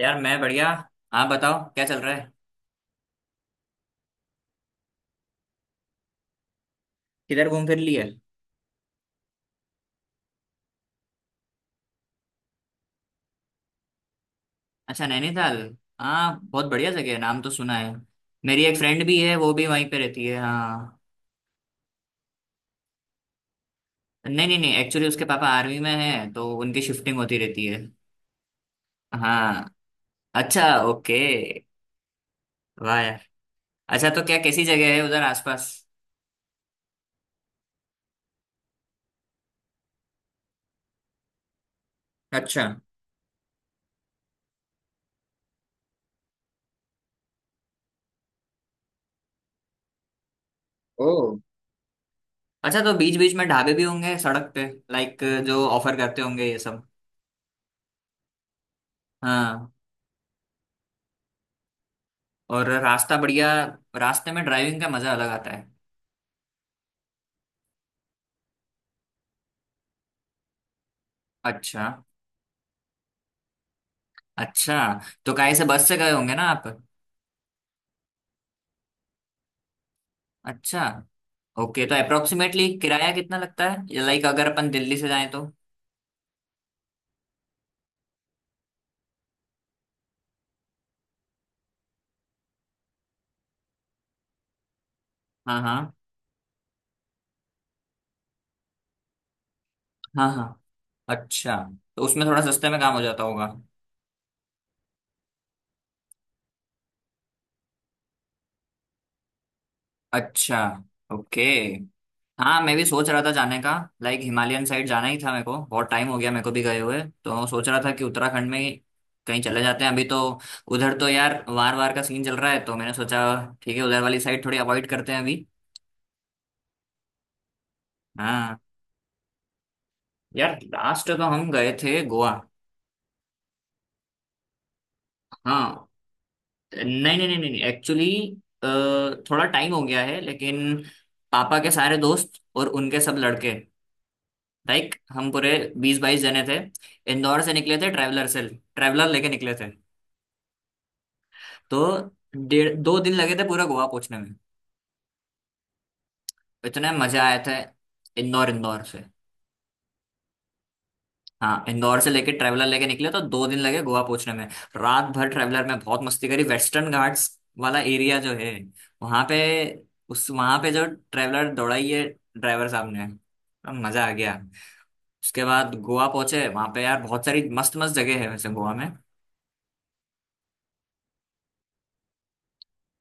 यार मैं बढ़िया। आप बताओ क्या चल रहा है। किधर घूम फिर लिए। अच्छा, नैनीताल। हाँ, बहुत बढ़िया जगह है, नाम तो सुना है। मेरी एक फ्रेंड भी है, वो भी वहीं पे रहती है। हाँ। नहीं नहीं नहीं, एक्चुअली उसके पापा आर्मी में हैं तो उनकी शिफ्टिंग होती रहती है। हाँ। अच्छा, ओके। वाह यार। अच्छा तो क्या कैसी जगह है उधर आसपास। अच्छा। ओ। अच्छा तो बीच बीच में ढाबे भी होंगे सड़क पे। लाइक जो ऑफर करते होंगे ये सब। हाँ। और रास्ता बढ़िया। रास्ते में ड्राइविंग का मजा अलग आता है। अच्छा। अच्छा तो काहे से बस से गए होंगे ना आप। अच्छा, ओके। तो अप्रोक्सीमेटली किराया कितना लगता है, लाइक अगर अपन दिल्ली से जाएं तो। हाँ हाँ। हाँ हाँ। अच्छा तो उसमें थोड़ा सस्ते में काम हो जाता होगा। अच्छा, ओके। हाँ, मैं भी सोच रहा था जाने का। लाइक हिमालयन साइड जाना ही था, मेरे को बहुत टाइम हो गया मेरे को भी गए हुए, तो सोच रहा था कि उत्तराखंड में ही कहीं चले जाते हैं अभी। तो उधर तो यार वार वार का सीन चल रहा है, तो मैंने सोचा ठीक है उधर वाली साइड थोड़ी अवॉइड करते हैं अभी। हाँ। यार लास्ट तो हम गए थे गोवा। हाँ। नहीं नहीं नहीं नहीं, एक्चुअली थोड़ा टाइम हो गया है, लेकिन पापा के सारे दोस्त और उनके सब लड़के, लाइक हम पूरे 20-22 जने थे। इंदौर से निकले थे ट्रैवलर से। ट्रैवलर लेके निकले थे। तो डेढ़ दो दिन लगे थे पूरा गोवा पहुंचने में। इतने मजा आए थे। इंदौर, इंदौर से। हाँ, इंदौर से लेके ट्रेवलर लेके निकले तो 2 दिन लगे गोवा पहुंचने में। रात भर ट्रेवलर में बहुत मस्ती करी। वेस्टर्न घाट्स वाला एरिया जो है, वहां पे जो ट्रेवलर दौड़ाई है ड्राइवर साहब ने, तो मजा आ गया। उसके बाद गोवा पहुंचे, वहां पे यार बहुत सारी मस्त मस्त जगह है वैसे गोवा में।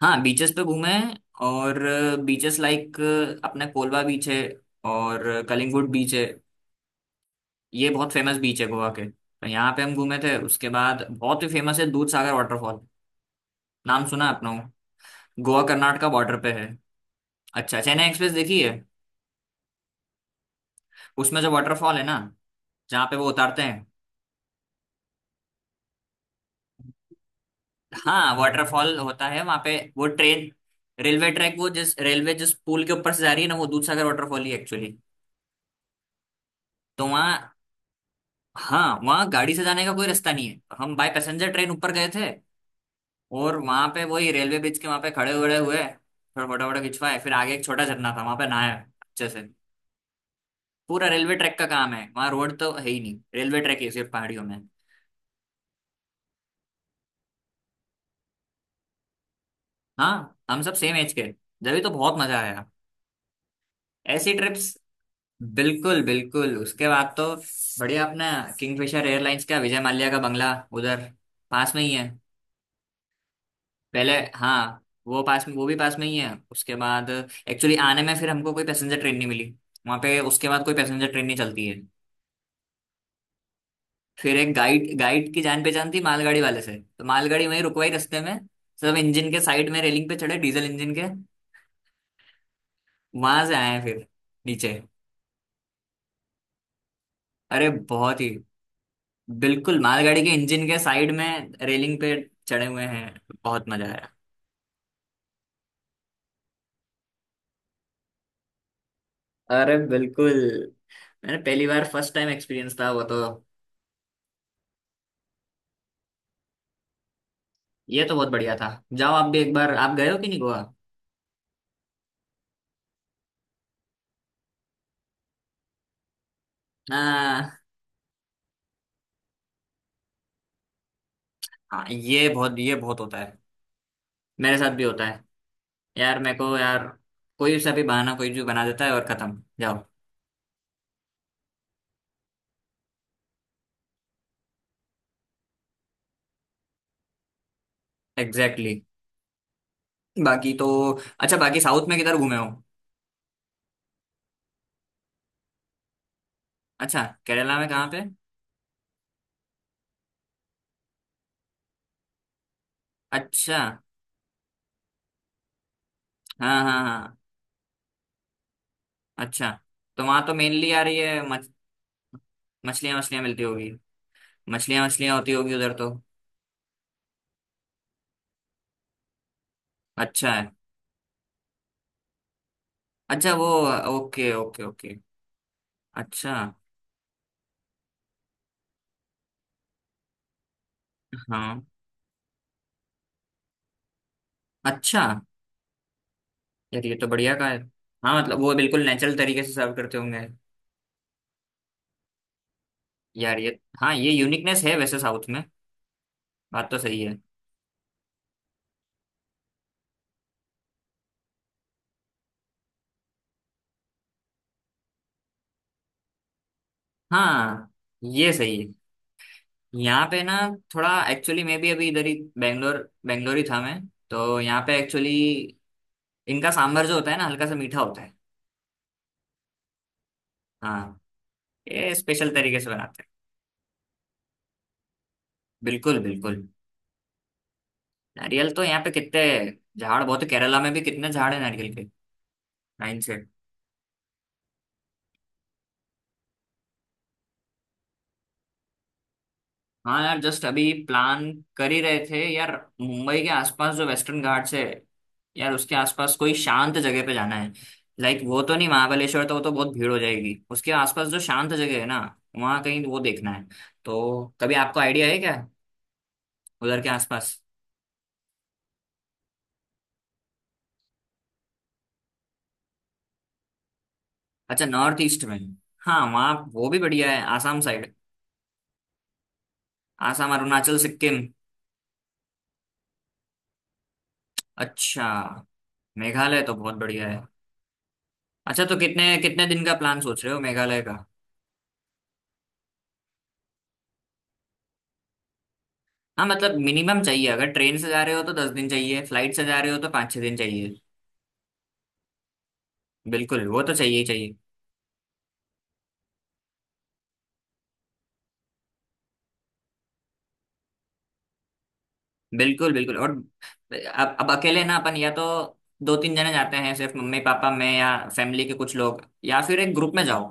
हाँ, बीचेस पे घूमे हैं, और बीचेस लाइक अपने कोलवा बीच है और कलिंगुड बीच है। ये बहुत फेमस बीच है गोवा के, तो यहाँ पे हम घूमे थे। उसके बाद बहुत ही फेमस है दूध सागर वाटरफॉल। नाम सुना है अपनों। गोवा कर्नाटका बॉर्डर पे है। अच्छा, चेन्नई एक्सप्रेस देखी है। उसमें जो वाटरफॉल है ना, जहाँ पे वो उतारते हैं। हाँ, वाटरफॉल होता है वहां पे। वो ट्रेन, रेलवे ट्रैक, वो जिस रेलवे जिस पुल के ऊपर से जा रही है ना, वो दूधसागर वाटरफॉल ही एक्चुअली। तो वहाँ। हाँ, वहाँ गाड़ी से जाने का कोई रास्ता नहीं है, हम बाय पैसेंजर ट्रेन ऊपर गए थे। और वहां पे वही रेलवे ब्रिज के वहां पे खड़े हुए हुए फिर फोटो वोटो खिंचवाए, फिर आगे एक छोटा झरना था वहां पे नहाया अच्छे से। पूरा रेलवे ट्रैक का काम है वहाँ, रोड तो है ही नहीं, रेलवे ट्रैक है सिर्फ पहाड़ियों में। हाँ, हम सब सेम एज के, जब तो बहुत मजा आया ऐसी ट्रिप्स। बिल्कुल बिल्कुल, उसके बाद तो बढ़िया अपना किंगफिशर एयरलाइंस का विजय माल्या का बंगला उधर पास में ही है। पहले हाँ वो पास में, वो भी पास में ही है। उसके बाद एक्चुअली आने में फिर हमको कोई पैसेंजर ट्रेन नहीं मिली। वहाँ पे उसके बाद कोई पैसेंजर ट्रेन नहीं चलती है। फिर एक गाइड गाइड की जान पहचान थी मालगाड़ी वाले से, तो मालगाड़ी वहीं रुकवाई रास्ते में। सब इंजन के साइड में रेलिंग पे चढ़े डीजल इंजन के, वहां से आए हैं फिर नीचे। अरे बहुत ही, बिल्कुल मालगाड़ी के इंजन के साइड में रेलिंग पे चढ़े हुए हैं, बहुत मजा आया। अरे बिल्कुल, मैंने पहली बार फर्स्ट टाइम एक्सपीरियंस था वो तो। ये तो बहुत बढ़िया था। जाओ आप भी एक बार, आप गए हो कि नहीं गोवा। हाँ हाँ। ये बहुत होता है, मेरे साथ भी होता है। यार मेरे को यार कोई सा भी बहाना कोई भी बना देता है और खत्म, जाओ। Exactly, exactly. बाकी तो। अच्छा बाकी साउथ में किधर घूमे हो। अच्छा, केरला में कहाँ पे। अच्छा, हाँ हाँ हाँ। अच्छा तो वहां तो मेनली यार ये मछलियाँ मछलियाँ मिलती होगी, मछलियाँ मछलियाँ होती होगी उधर तो। अच्छा है। अच्छा वो, ओके ओके ओके। अच्छा। हाँ। अच्छा यार ये तो बढ़िया का है। हाँ मतलब वो बिल्कुल नेचुरल तरीके से सर्व करते होंगे। यार ये, हाँ, ये यूनिकनेस है वैसे साउथ में। बात तो सही है। हाँ, ये सही है। यहाँ पे ना, थोड़ा एक्चुअली मैं भी अभी इधर ही, बैंगलोर, बैंगलोर ही था मैं। तो यहाँ पे एक्चुअली इनका सांभर जो होता है ना हल्का सा मीठा होता है। हाँ, ये स्पेशल तरीके से बनाते हैं। बिल्कुल बिल्कुल, नारियल तो यहाँ पे कितने झाड़ बहुत है। केरला में भी कितने झाड़ है नारियल के। नाइन से। हाँ यार, जस्ट अभी प्लान कर ही रहे थे यार। मुंबई के आसपास जो वेस्टर्न घाट से, यार उसके आसपास कोई शांत जगह पे जाना है। लाइक वो तो नहीं, महाबलेश्वर तो वो तो बहुत भीड़ हो जाएगी, उसके आसपास जो शांत जगह है ना वहाँ कहीं वो देखना है। तो कभी आपको आइडिया है क्या उधर के आसपास। अच्छा, नॉर्थ ईस्ट में। हाँ, वहाँ वो भी बढ़िया है आसाम साइड। आसाम, अरुणाचल, सिक्किम। अच्छा, मेघालय तो बहुत बढ़िया है। अच्छा तो कितने कितने दिन का प्लान सोच रहे हो मेघालय का। हाँ मतलब मिनिमम चाहिए, अगर ट्रेन से जा रहे हो तो 10 दिन चाहिए, फ्लाइट से जा रहे हो तो 5-6 दिन चाहिए। बिल्कुल, वो तो चाहिए ही चाहिए। बिल्कुल बिल्कुल। और अब अकेले ना अपन, या तो 2-3 जने जाते हैं सिर्फ मम्मी पापा मैं, या फैमिली के कुछ लोग, या फिर एक ग्रुप में जाओ,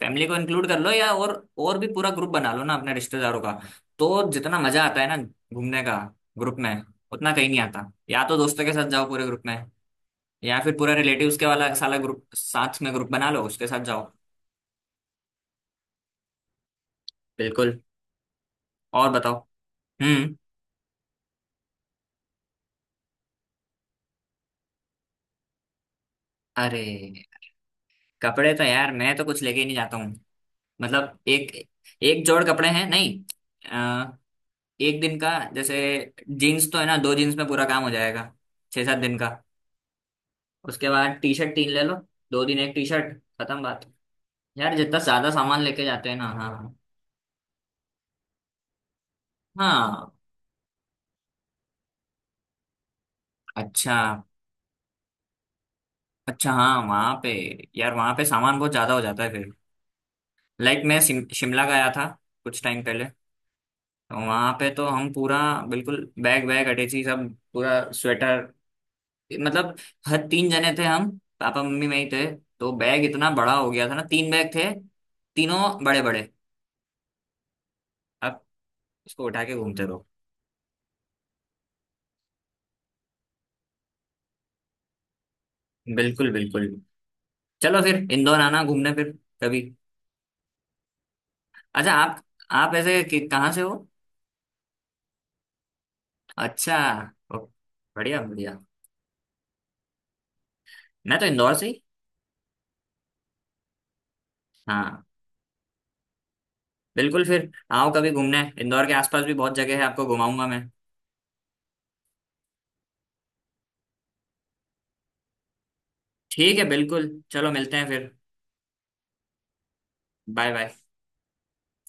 फैमिली को इंक्लूड कर लो, या और भी पूरा ग्रुप बना लो ना अपने रिश्तेदारों का। तो जितना मजा आता है ना घूमने का ग्रुप में, उतना कहीं नहीं आता। या तो दोस्तों के साथ जाओ पूरे ग्रुप में, या फिर पूरा रिलेटिव्स के वाला साला ग्रुप, साथ में ग्रुप बना लो, उसके साथ जाओ। बिल्कुल। और बताओ। हम्म। अरे कपड़े तो यार मैं तो कुछ लेके ही नहीं जाता हूँ, मतलब एक एक जोड़ कपड़े हैं नहीं। अ, एक दिन का जैसे जीन्स तो है ना, दो जीन्स में पूरा काम हो जाएगा 6-7 दिन का। उसके बाद टी शर्ट तीन ले लो, 2 दिन एक टी शर्ट, खत्म बात। यार जितना ज्यादा सामान लेके जाते हैं ना। हाँ हाँ। अच्छा, अच्छा हाँ वहाँ पे, यार वहाँ पे सामान बहुत ज्यादा हो जाता है फिर। लाइक मैं शिमला गया था कुछ टाइम पहले। वहां पे तो हम पूरा बिल्कुल बैग वैग अटैची सब पूरा स्वेटर, मतलब हर, तीन जने थे हम, पापा मम्मी मैं ही थे, तो बैग इतना बड़ा हो गया था ना, तीन बैग थे तीनों, बड़े बड़े। अब इसको उठा के घूमते रहो। बिल्कुल बिल्कुल, चलो फिर इंदौर आना घूमने फिर कभी। अच्छा आप, कहाँ से हो। अच्छा। ओ, बढ़िया बढ़िया। मैं तो इंदौर से ही। हाँ, बिल्कुल फिर आओ कभी घूमने, इंदौर के आसपास भी बहुत जगह है, आपको घुमाऊंगा मैं। ठीक है, बिल्कुल चलो मिलते हैं फिर। Bye bye.